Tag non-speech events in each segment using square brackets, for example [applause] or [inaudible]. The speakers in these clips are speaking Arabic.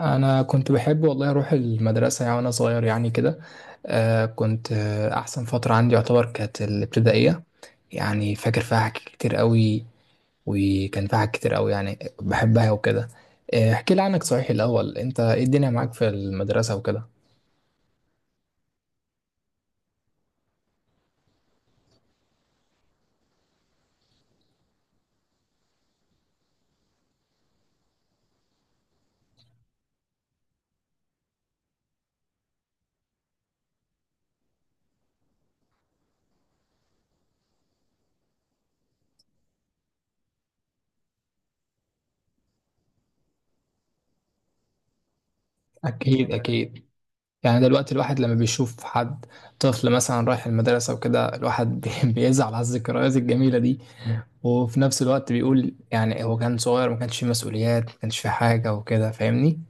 انا كنت بحب والله اروح المدرسه يعني وانا صغير يعني كده. كنت احسن فتره عندي يعتبر كانت الابتدائيه. يعني فاكر فيها حاجات كتير قوي. وكان فيها حاجات كتير قوي يعني بحبها وكده. احكي لي عنك صحيح الاول، انت ايه الدنيا معاك في المدرسه وكده؟ اكيد اكيد. يعني دلوقتي الواحد لما بيشوف حد طفل مثلا رايح المدرسه وكده، الواحد [laughs] بيزعل على الذكريات الجميله دي. وفي نفس الوقت بيقول يعني هو كان صغير ما كانش فيه مسؤوليات، ما كانش فيه حاجة وكده، فاهمني؟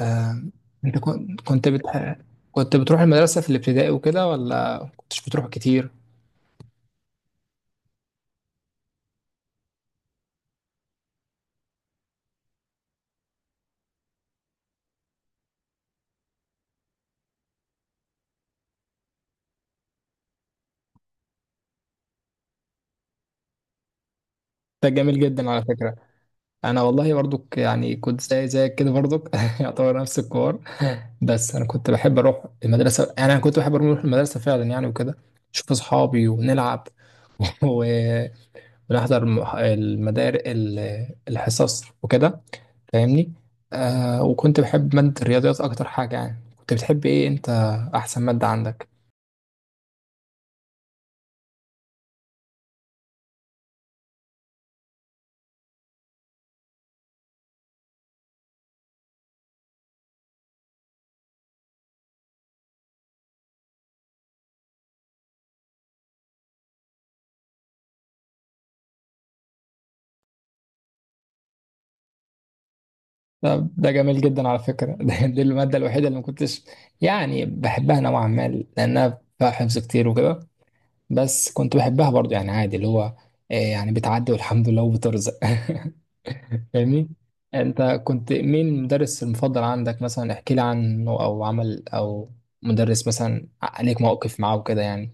آه. انت كن- كنت بتح... كنت بتروح المدرسة في الابتدائي وكده ولا كنتش بتروح كتير؟ ده جميل جدا على فكرة. انا والله برضك يعني كنت زي زيك كده برضك، [laughs] يعتبر نفس الكور. بس انا كنت بحب اروح المدرسة، يعني انا كنت بحب اروح المدرسة فعلا يعني وكده. اشوف اصحابي ونلعب [laughs] و- ونحضر الحصص وكده. فاهمني؟ آه. وكنت بحب مادة الرياضيات أكتر حاجة. يعني كنت بتحب إيه أنت؟ أحسن مادة عندك؟ طب ده جميل جدا على فكرة. [laughs] دي المادة الوحيدة اللي ما كنتش يعني بحبها نوعا ما، لأنها فيها حفظ كتير وكده. بس كنت بحبها برضه يعني، عادي اللي هو آه يعني بتعدي والحمد لله وبترزق. [laughs] فاهمني؟ أنت كنت مين المدرس المفضل عندك؟ مثلا احكي لي عنه أو عمل، أو مدرس مثلا عليك موقف معاه وكده يعني.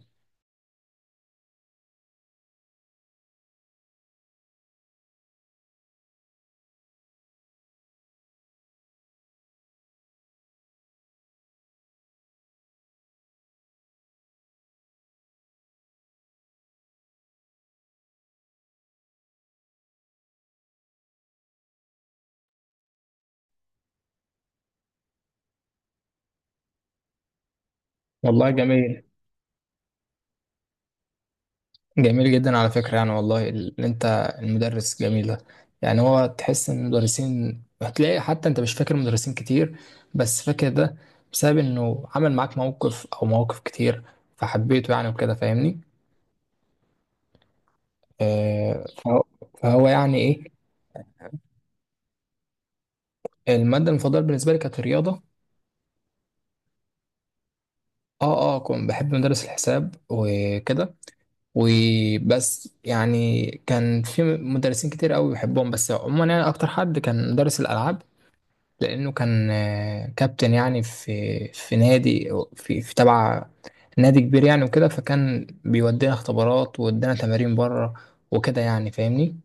والله جميل. جميل جدا على فكرة يعني، والله اللي انت، المدرس جميل ده. يعني هو تحس ان المدرسين هتلاقي حتى انت مش فاكر مدرسين كتير، بس فاكر ده بسبب انه عمل معاك موقف او مواقف كتير، فحبيته يعني وكده. فاهمني؟ آه. فهو يعني ايه؟ المادة المفضلة بالنسبة لي كانت الرياضة. اه اه، كنت بحب مدرس الحساب وكده. وبس يعني كان في مدرسين كتير قوي بحبهم، بس عموما يعني اكتر حد كان مدرس الالعاب، لأنه كان آه، كابتن يعني في نادي، في تبع نادي كبير يعني وكده، فكان بيودينا اختبارات، وودينا تمارين بره وكده يعني. فاهمني؟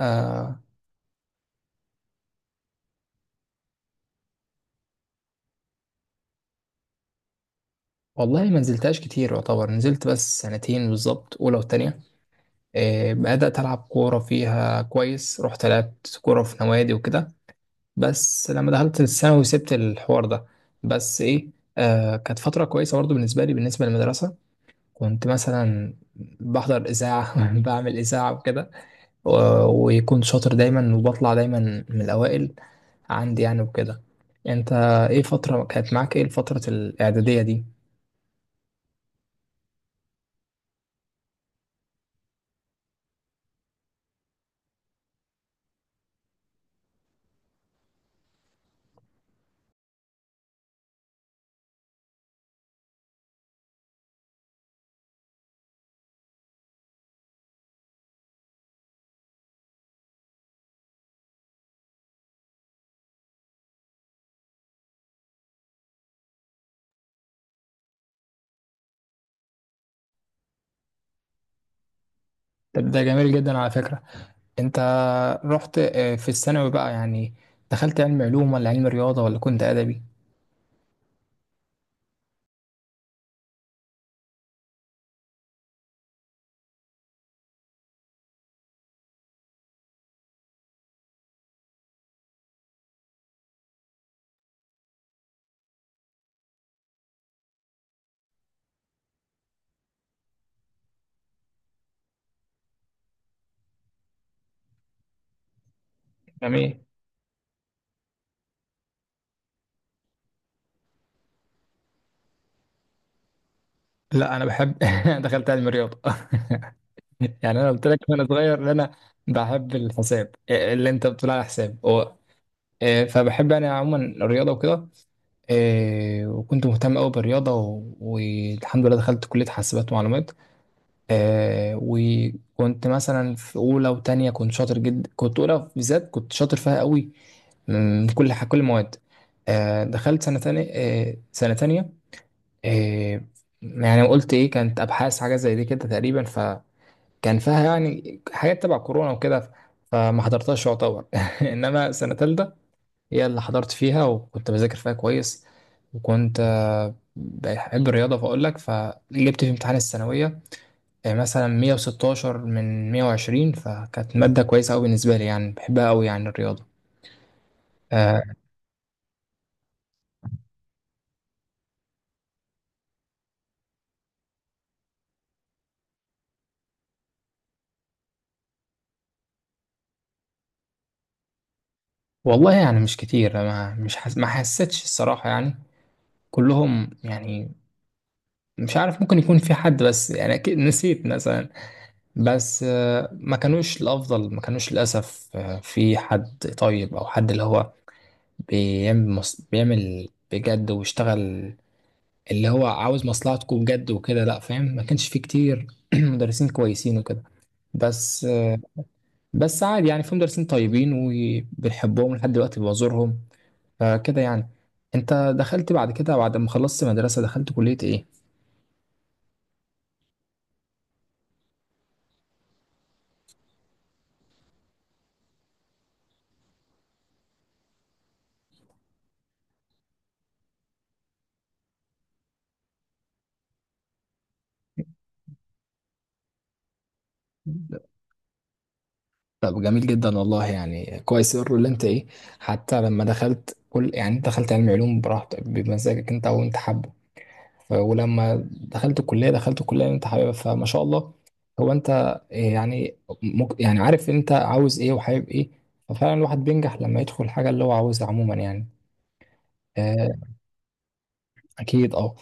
آه. والله ما نزلتهاش كتير، يعتبر نزلت بس سنتين بالظبط، أولى وتانية. آه بدأت ألعب كورة فيها كويس، رحت لعبت كورة في نوادي وكده. بس لما دخلت الثانوي سبت الحوار ده. بس إيه، آه، كانت فترة كويسة برضه بالنسبة لي بالنسبة للمدرسة. كنت مثلا بحضر إذاعة، [laughs] بعمل إذاعة وكده، ويكون شاطر دايما، وبطلع دايما من الأوائل عندي يعني وكده. أنت إيه فترة كانت معاك، إيه الفترة الإعدادية دي؟ طب ده جميل جدا على فكرة. أنت رحت آه، في الثانوي بقى يعني دخلت علم علوم ولا علم رياضة ولا كنت أدبي؟ جميل. لا، أنا بحب، [laughs] دخلت علم رياضة. [laughs] يعني أنا قلت لك وأنا صغير إن أنا بحب الحساب، اللي أنت بتقول على حساب. آه، فبحب انا عموما الرياضه وكده. آه، وكنت مهتم قوي بالرياضه، والحمد لله دخلت كليه حاسبات ومعلومات. آه، وكنت مثلا في اولى وتانية كنت شاطر جدا. كنت اولى بالذات كنت شاطر فيها قوي، من كل كل المواد. آه، دخلت سنه تانية، آه، يعني قلت ايه، كانت ابحاث حاجه زي دي كده تقريبا. فكان فيها يعني حاجات تبع كورونا وكده، فما حضرتهاش يعتبر. [laughs] انما سنه تالتة هي اللي حضرت فيها، وكنت بذاكر فيها كويس، وكنت آه، بحب الرياضة، فأقول لك فجبت في امتحان الثانوية آه، مثلا 116 من 120. فكانت مادة كويسة أوي بالنسبة لي يعني، بحبها أوي يعني الرياضة. آه، والله يعني مش كتير، ما مش حس... ما حسيتش الصراحة يعني. كلهم يعني مش عارف، ممكن يكون في حد بس يعني أكيد نسيت مثلا. بس آه، ما كانوش الأفضل، ما كانوش للأسف آه، في حد طيب أو حد اللي هو بيعمل بجد واشتغل، اللي هو عاوز مصلحتكم بجد وكده. لا فاهم، ما كانش فيه كتير [clears throat] مدرسين كويسين وكده. بس بس عادي يعني، في مدرسين طيبين وبنحبهم لحد دلوقتي بزورهم، فكده يعني. انت دخلت بعد كده، بعد ما خلصت مدرسة دخلت كلية ايه؟ طب جميل جدا والله يعني، كويس يقول اللي انت ايه. حتى لما دخلت كل يعني، انت دخلت علم علوم براحتك بمزاجك انت وانت حابه، ولما دخلت الكليه دخلت الكليه اللي انت حاببها، فما شاء الله. هو انت إيه يعني، مك يعني عارف انت عاوز ايه وحابب ايه. ففعلا الواحد بينجح لما يدخل الحاجه اللي هو عاوزها عموما يعني. آه، اكيد اه.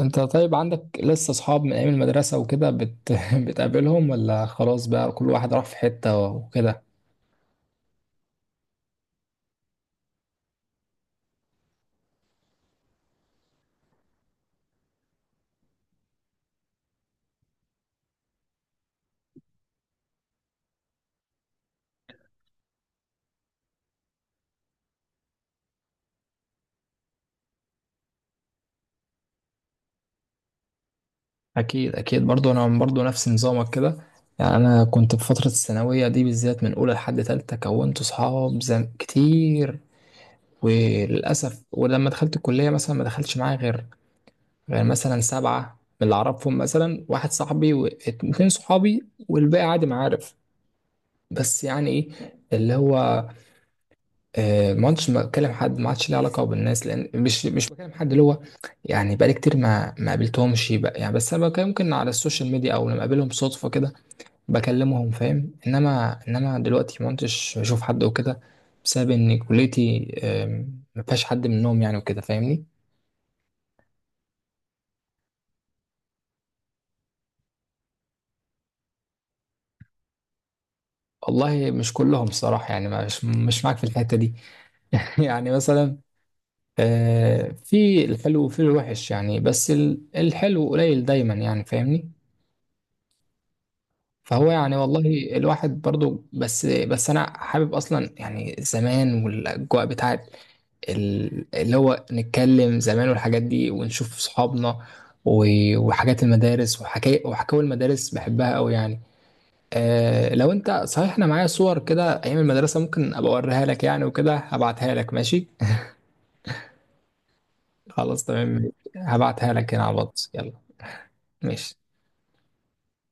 انت طيب عندك لسه اصحاب من ايام المدرسه وكده، [laughs] بتقابلهم ولا خلاص بقى كل واحد راح في حته وكده؟ اكيد اكيد. برضو انا برضو نفس نظامك كده. يعني انا كنت في فتره الثانويه دي بالذات من اولى لحد تالتة، كونت اصحاب كتير. وللأسف، ولما دخلت الكلية مثلا ما دخلتش معايا غير، مثلا سبعة من اللي أعرفهم، مثلا واحد صاحبي واتنين صحابي، والباقي عادي معارف. بس يعني إيه، اللي هو آه، ما عدتش بكلم حد، ما عادش ليه علاقة بالناس، لأن مش بكلم حد اللي هو يعني. بقالي كتير ما قابلتهمش بقى يعني، بس أنا بكلم ممكن على السوشيال ميديا أو لما أقابلهم صدفة كده بكلمهم. فاهم إنما، دلوقتي ما عدتش بشوف حد وكده، بسبب إن كليتي آم، ما فيهاش حد منهم يعني وكده. فاهمني؟ والله مش كلهم صراحة يعني، مش معاك في الحتة دي. [laughs] يعني مثلا آه، في الحلو وفي الوحش يعني، بس الحلو قليل دايما يعني. فاهمني؟ فهو يعني والله الواحد برضو، بس انا حابب اصلا يعني زمان، والاجواء بتاعت اللي هو، نتكلم زمان والحاجات دي، ونشوف صحابنا، وحاجات المدارس، وحكاية وحكاوي المدارس بحبها قوي يعني. آه، لو انت صحيح، انا معايا صور كده ايام المدرسه، ممكن ابقى اوريها لك يعني وكده، هبعتها لك ماشي. خلاص تمام، هبعتها لك هنا على الواتس، يلا ماشي.